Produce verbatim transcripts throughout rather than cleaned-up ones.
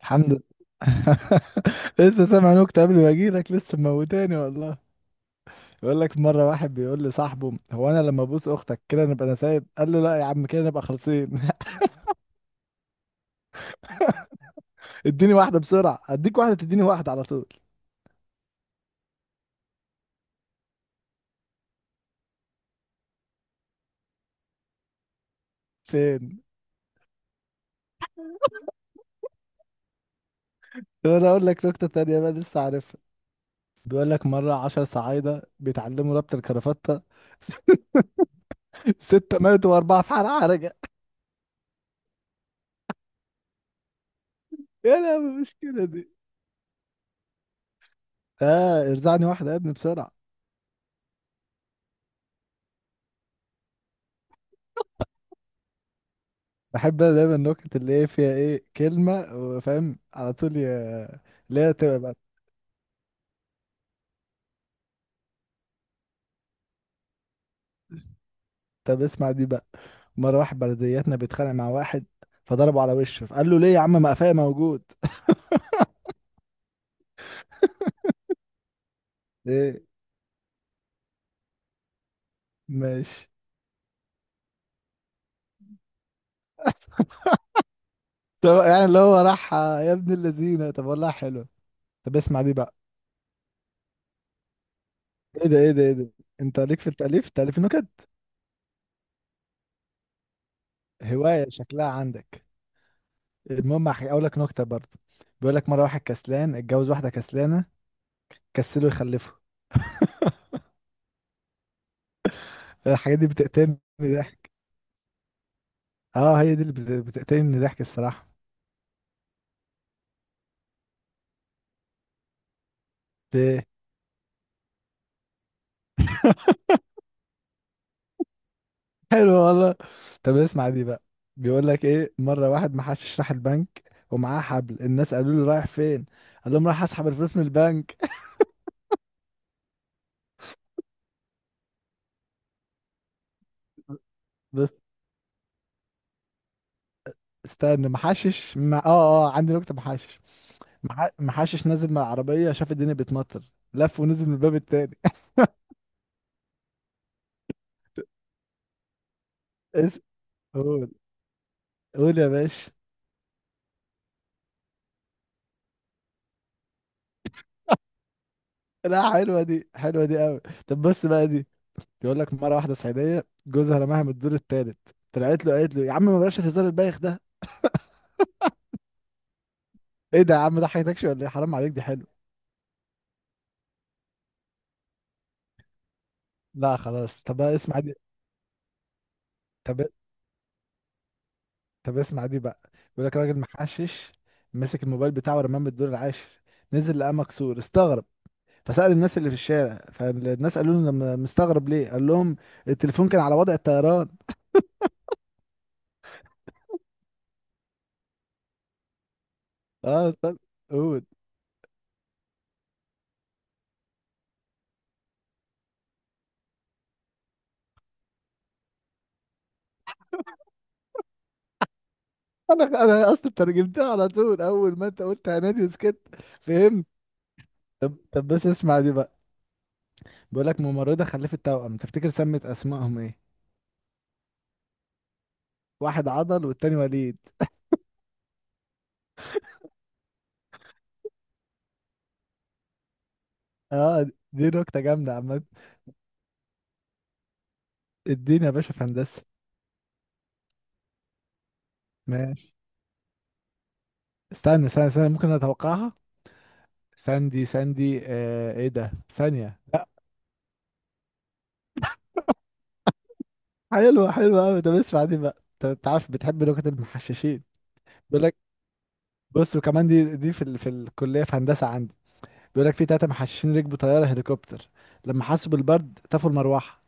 الحمد لله. لسه سامع نكتة قبل ما اجيلك، لسه موتاني والله. بيقول لك مرة واحد بيقول لصاحبه: هو انا لما ابوس اختك كده نبقى انا سايب؟ قال له: لا يا عم، كده نبقى خالصين. اديني واحدة بسرعة، اديك واحدة تديني واحدة على طول. فين؟ طب انا اقول لك نكتة تانية بقى لسه عارفها. بيقول لك مرة عشر صعايدة بيتعلموا ربط الكرافتة. ستة ماتوا وأربعة في حالة حرجة. يا لا المشكلة دي! اه، ارزعني واحدة يا ابني بسرعة. بحب انا دايما النكت اللي هي فيها ايه كلمة وفاهم على طول، يا- اللي هي تبقى بقى. طب اسمع دي بقى. مرة واحد بلدياتنا بيتخانق مع واحد، فضربه على وشه، فقال له: ليه يا عم؟ مقفاية موجود. ايه، ماشي. طب يعني اللي هو راح يا ابن اللذينة، طب والله حلو. طب اسمع دي بقى. ايه ده؟ ايه ده؟ ايه ده؟ انت ليك في التأليف، تأليف نكت. هواية شكلها عندك. المهم، هقول لك نكتة برضه. بيقول لك مرة واحد كسلان اتجوز واحدة كسلانة، كسله يخلفه. الحاجات دي بتقتلني ضحك. اه، هي دي اللي بت- بتقتلني من الضحك الصراحة. ده حلو والله. طب اسمع دي بقى. بيقول لك ايه، مرة واحد ما حدش راح البنك ومعاه حبل. الناس قالوا له: رايح فين؟ قال لهم: رايح اسحب الفلوس من البنك. بس استنى، محشش مع... اه اه عندي نكتة محشش. مح... محشش نازل من العربية، شاف الدنيا بتمطر، لف ونزل من الباب التاني. اسم. قول، قول يا باشا. لا، حلوة دي، حلوة دي قوي. طب بص بقى دي. بيقول لك مرة واحدة صعيدية جوزها رماها من الدور التالت، طلعت له قالت له: يا عم ما بلاش الهزار البايخ ده. ايه ده يا عم؟ ده حياتكش ولا ايه؟ حرام عليك. دي حلو. لا خلاص، طب بقى اسمع دي. طب، طب اسمع دي بقى. بيقول لك راجل محشش مسك الموبايل بتاعه ورماه من الدور العاشر، نزل لقاه مكسور، استغرب. فسأل الناس اللي في الشارع، فالناس قالوا له: "لما- مستغرب ليه؟ قال لهم: التليفون كان على وضع الطيران. اه، طب. قول. انا انا اصلا ترجمتها على طول، اول ما انت قلت هنادي وسكت فهمت. طب بس اسمع دي بقى. بيقول لك ممرضة خلفت توأم، تفتكر سمت أسمائهم إيه؟ واحد عضل والتاني وليد. آه، دي نكتة جامدة عامة. اديني يا باشا في هندسة. ماشي. استنى استنى استنى، ممكن أتوقعها. ساندي ساندي، آه إيه ده؟ ثانية، لا. حلوة، حلوة أوي. طب اسمع دي بقى. أنت أنت عارف بتحب نكت المحششين. بيقول لك، بص وكمان دي، دي في ال... في الكلية، في هندسة عندي. بيقول لك في تلاتة محششين ركبوا طيارة هليكوبتر، لما حسوا بالبرد طفوا المروحة.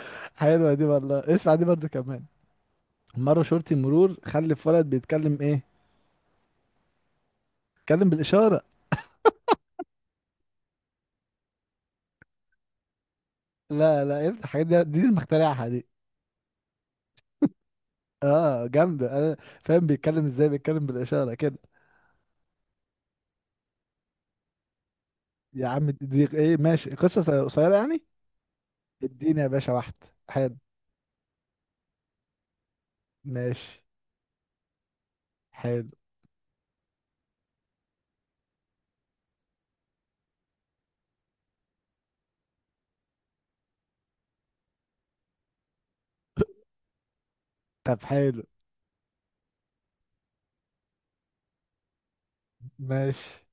حلوة دي والله. اسمع دي برضو كمان. مرة شرطي مرور خلف ولد، بيتكلم ايه؟ بيتكلم بالإشارة. لا لا، افتح الحاجات دي دي اللي مخترعها دي. اه جامدة. انا فاهم بيتكلم ازاي، بيتكلم بالإشارة كده. يا عم دي ايه؟ ماشي، قصة قصيرة قصيرة يعني. اديني يا باشا واحدة. حلو. ماشي. حلو. طب. حلو. ماشي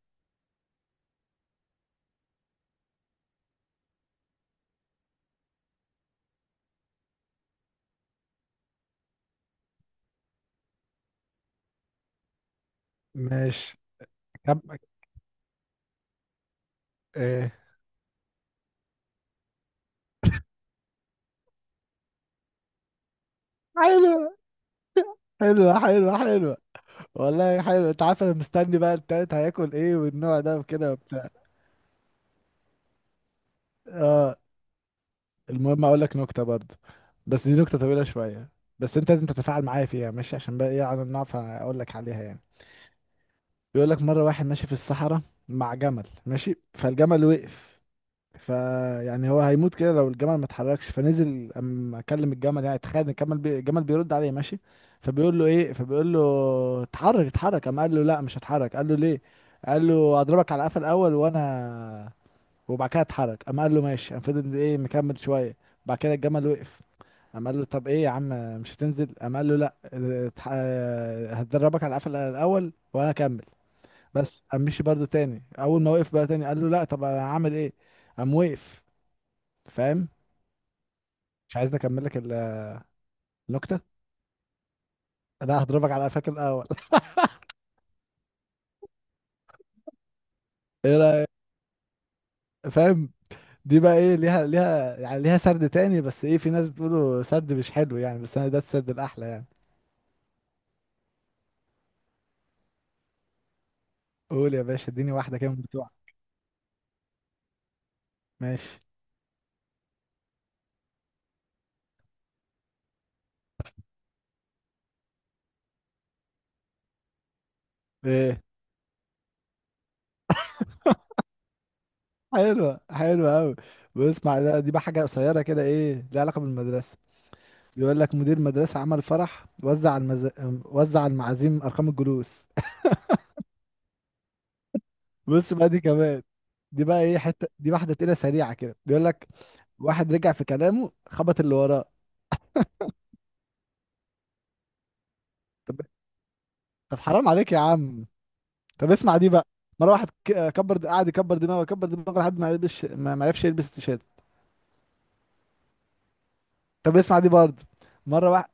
ماشي. كم؟ ايه؟ حلو. حلوة، حلوة، حلوة. والله حلو. انت عارف انا مستني بقى التالت هياكل ايه، والنوع ده وكده وبتاع. اه. المهم، اقول لك نكته برضه، بس دي نكته طويله شويه. بس انت لازم تتفاعل معايا فيها، ماشي؟ عشان بقى ايه، على نعرف اقول لك عليها يعني. بيقول لك مره واحد ماشي في الصحراء مع جمل، ماشي فالجمل وقف. فيعني هو هيموت كده لو الجمل ما اتحركش. فنزل اما كلم الجمل، يعني تخيل ان الجمل بي... الجمل بيرد عليه، ماشي. فبيقول له ايه فبيقول له اتحرك اتحرك، اما قال له: لا مش هتحرك. قال له: ليه؟ قال له: اضربك على قفا الاول وانا، وبعد كده اتحرك. اما قال له: ماشي. قام فضل ايه، مكمل شويه. بعد كده الجمل وقف. قام قال له: طب ايه يا عم، مش هتنزل؟ قام قال له: لا اه، اتح- اه، هتدربك على القفل الاول وانا اكمل. بس قام مشي برضه تاني، اول ما وقف بقى تاني، قال له: لا، طب انا هعمل ايه؟ قام وقف. فاهم؟ مش عايزني اكمل لك ال- النكته. انا هضربك على قفاك الاول. ايه رايك؟ فاهم؟ دي بقى ايه، ليها ليها يعني ليها سرد تاني. بس ايه، في ناس بيقولوا سرد مش حلو يعني، بس انا ده السرد الاحلى يعني. قول يا باشا، اديني واحده كده من بتوعك. ماشي. ايه. حلوة، حلوة أوي. واسمع ده دي بقى حاجة قصيرة كده، إيه ليها علاقة بالمدرسة. بيقول لك مدير مدرسة عمل فرح، وزع المز... وزع المعازيم أرقام الجلوس. بص بقى دي كمان. دي بقى إيه، حتة دي واحدة تقيلة سريعة كده. بيقول لك واحد رجع في كلامه، خبط اللي وراه. طب. طب حرام عليك يا عم. طب اسمع دي بقى. مرة واحد ك- كبر د- قعد يكبر دماغه يكبر دماغه، لحد ما يلبس ما ما عرفش يلبس التيشيرت. طب اسمع دي برضه. مرة واحد.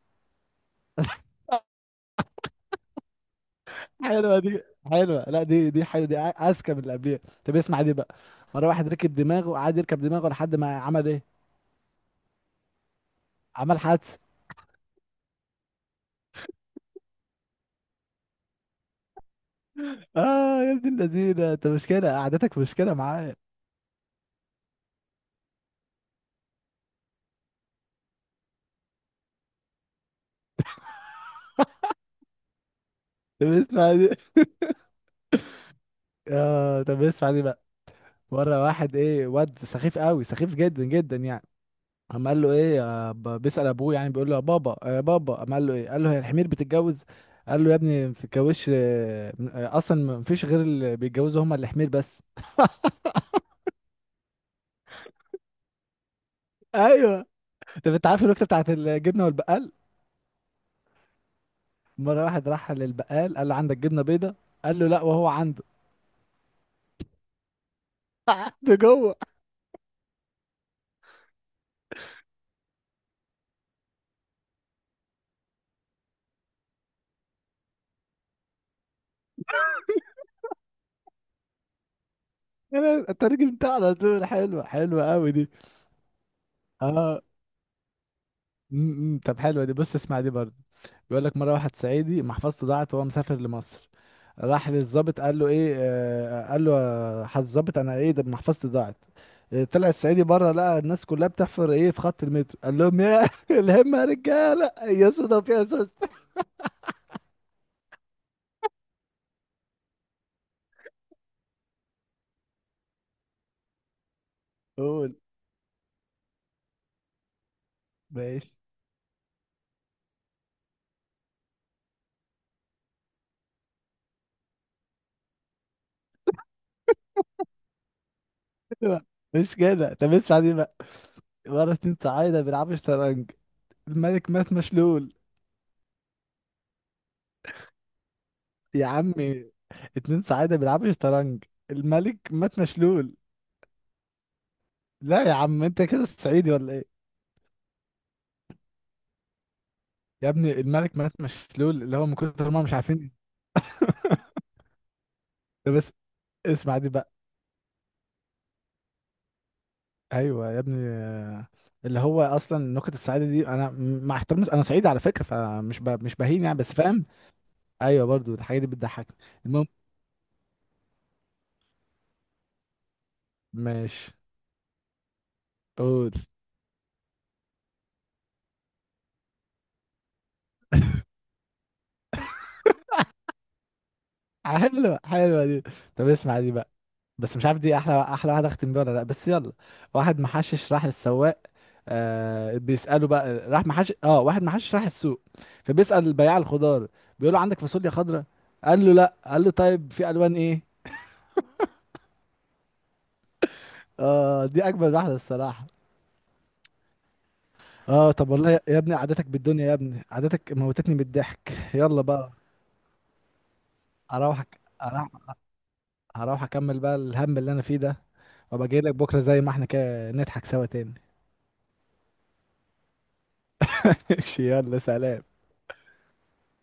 حلوه دي حلوه، لا دي دي حلوه دي اذكى من اللي قبليها. طب اسمع دي بقى. مره واحد ركب دماغه، قعد يركب دماغه لحد ما عمل ايه؟ عمل حادثه. اه يا ابن اللذينه، انت مشكله، قعدتك مشكله معايا. طب اسمع دي اه طب اسمع دي بقى. مره واحد ايه، واد سخيف قوي، سخيف جدا جدا يعني. قام قال له ايه، آه، ب- بيسأل ابوه يعني، بيقول له: يا بابا يا بابا. قام قال له: ايه؟ قال له: هي الحمير بتتجوز؟ قال له: يا ابني ما بتتجوزش، آه، آه، اصلا ما فيش غير اللي بيتجوزوا هم الحمير بس. ايوه. طب انت عارف الوقت بتاعت الجبنه والبقال؟ مره واحد راح للبقال، قال له: عندك جبنه بيضه؟ قال له: لا. وهو عنده. ده جوه. انا- انت راجل بتاع على طول. حلوه، حلوه قوي دي. اه م- م. طب حلوه دي. بص اسمع دي برضه. بيقول لك مره واحد صعيدي محفظته ضاعت وهو مسافر لمصر. راح للظابط، قال له ايه، آه، قال له: يا حضرة الظابط، انا ايه ده، محفظتي ضاعت. آه، طلع الصعيدي بره، لقى الناس كلها بتحفر ايه في خط المترو، قال لهم: يا الهمه يا رجاله، يا صدف يا سوس. قول. ماشي. لا، مش كده. طب اسمع دي بقى. مرة اتنين صعايدة بيلعبوا شطرنج، الملك مات مشلول. يا عمي، اتنين صعايدة بيلعبوا شطرنج، الملك مات مشلول. لا يا عم، انت كده صعيدي ولا ايه؟ يا ابني، الملك مات مشلول، اللي هو من كتر ما هم مش عارفين. ده بس. اسمع دي بقى. ايوه يا ابني. آه، اللي هو اصلا نكت السعاده دي، انا م- مع احترامي انا صعيدي على فكره، فمش ب... مش بهين يعني، بس فاهم. ايوه برضو الحاجه دي بتضحكني. المهم. ماشي. قول. حلوة، حلوة دي. طب اسمع دي بقى، بس مش عارف دي احلى، احلى واحدة اختم بيها ولا لا، بس يلا. واحد محشش راح للسواق، آه بيسأله بقى، راح محشش اه، واحد محشش راح السوق، فبيسأل البياع الخضار، بيقول له: عندك فاصوليا خضراء؟ قال له: لا. قال له: طيب، في الوان ايه؟ اه دي اجمل واحدة الصراحة. اه طب والله يا يا ابني، قعدتك بالدنيا يا ابني، قعدتك موتتني بالضحك. يلا بقى. اروح أك- اروح، هروح اكمل بقى الهم اللي انا فيه ده، وابقى جاي لك بكرة زي ما احنا كده نضحك سوا تاني. يلا سلام.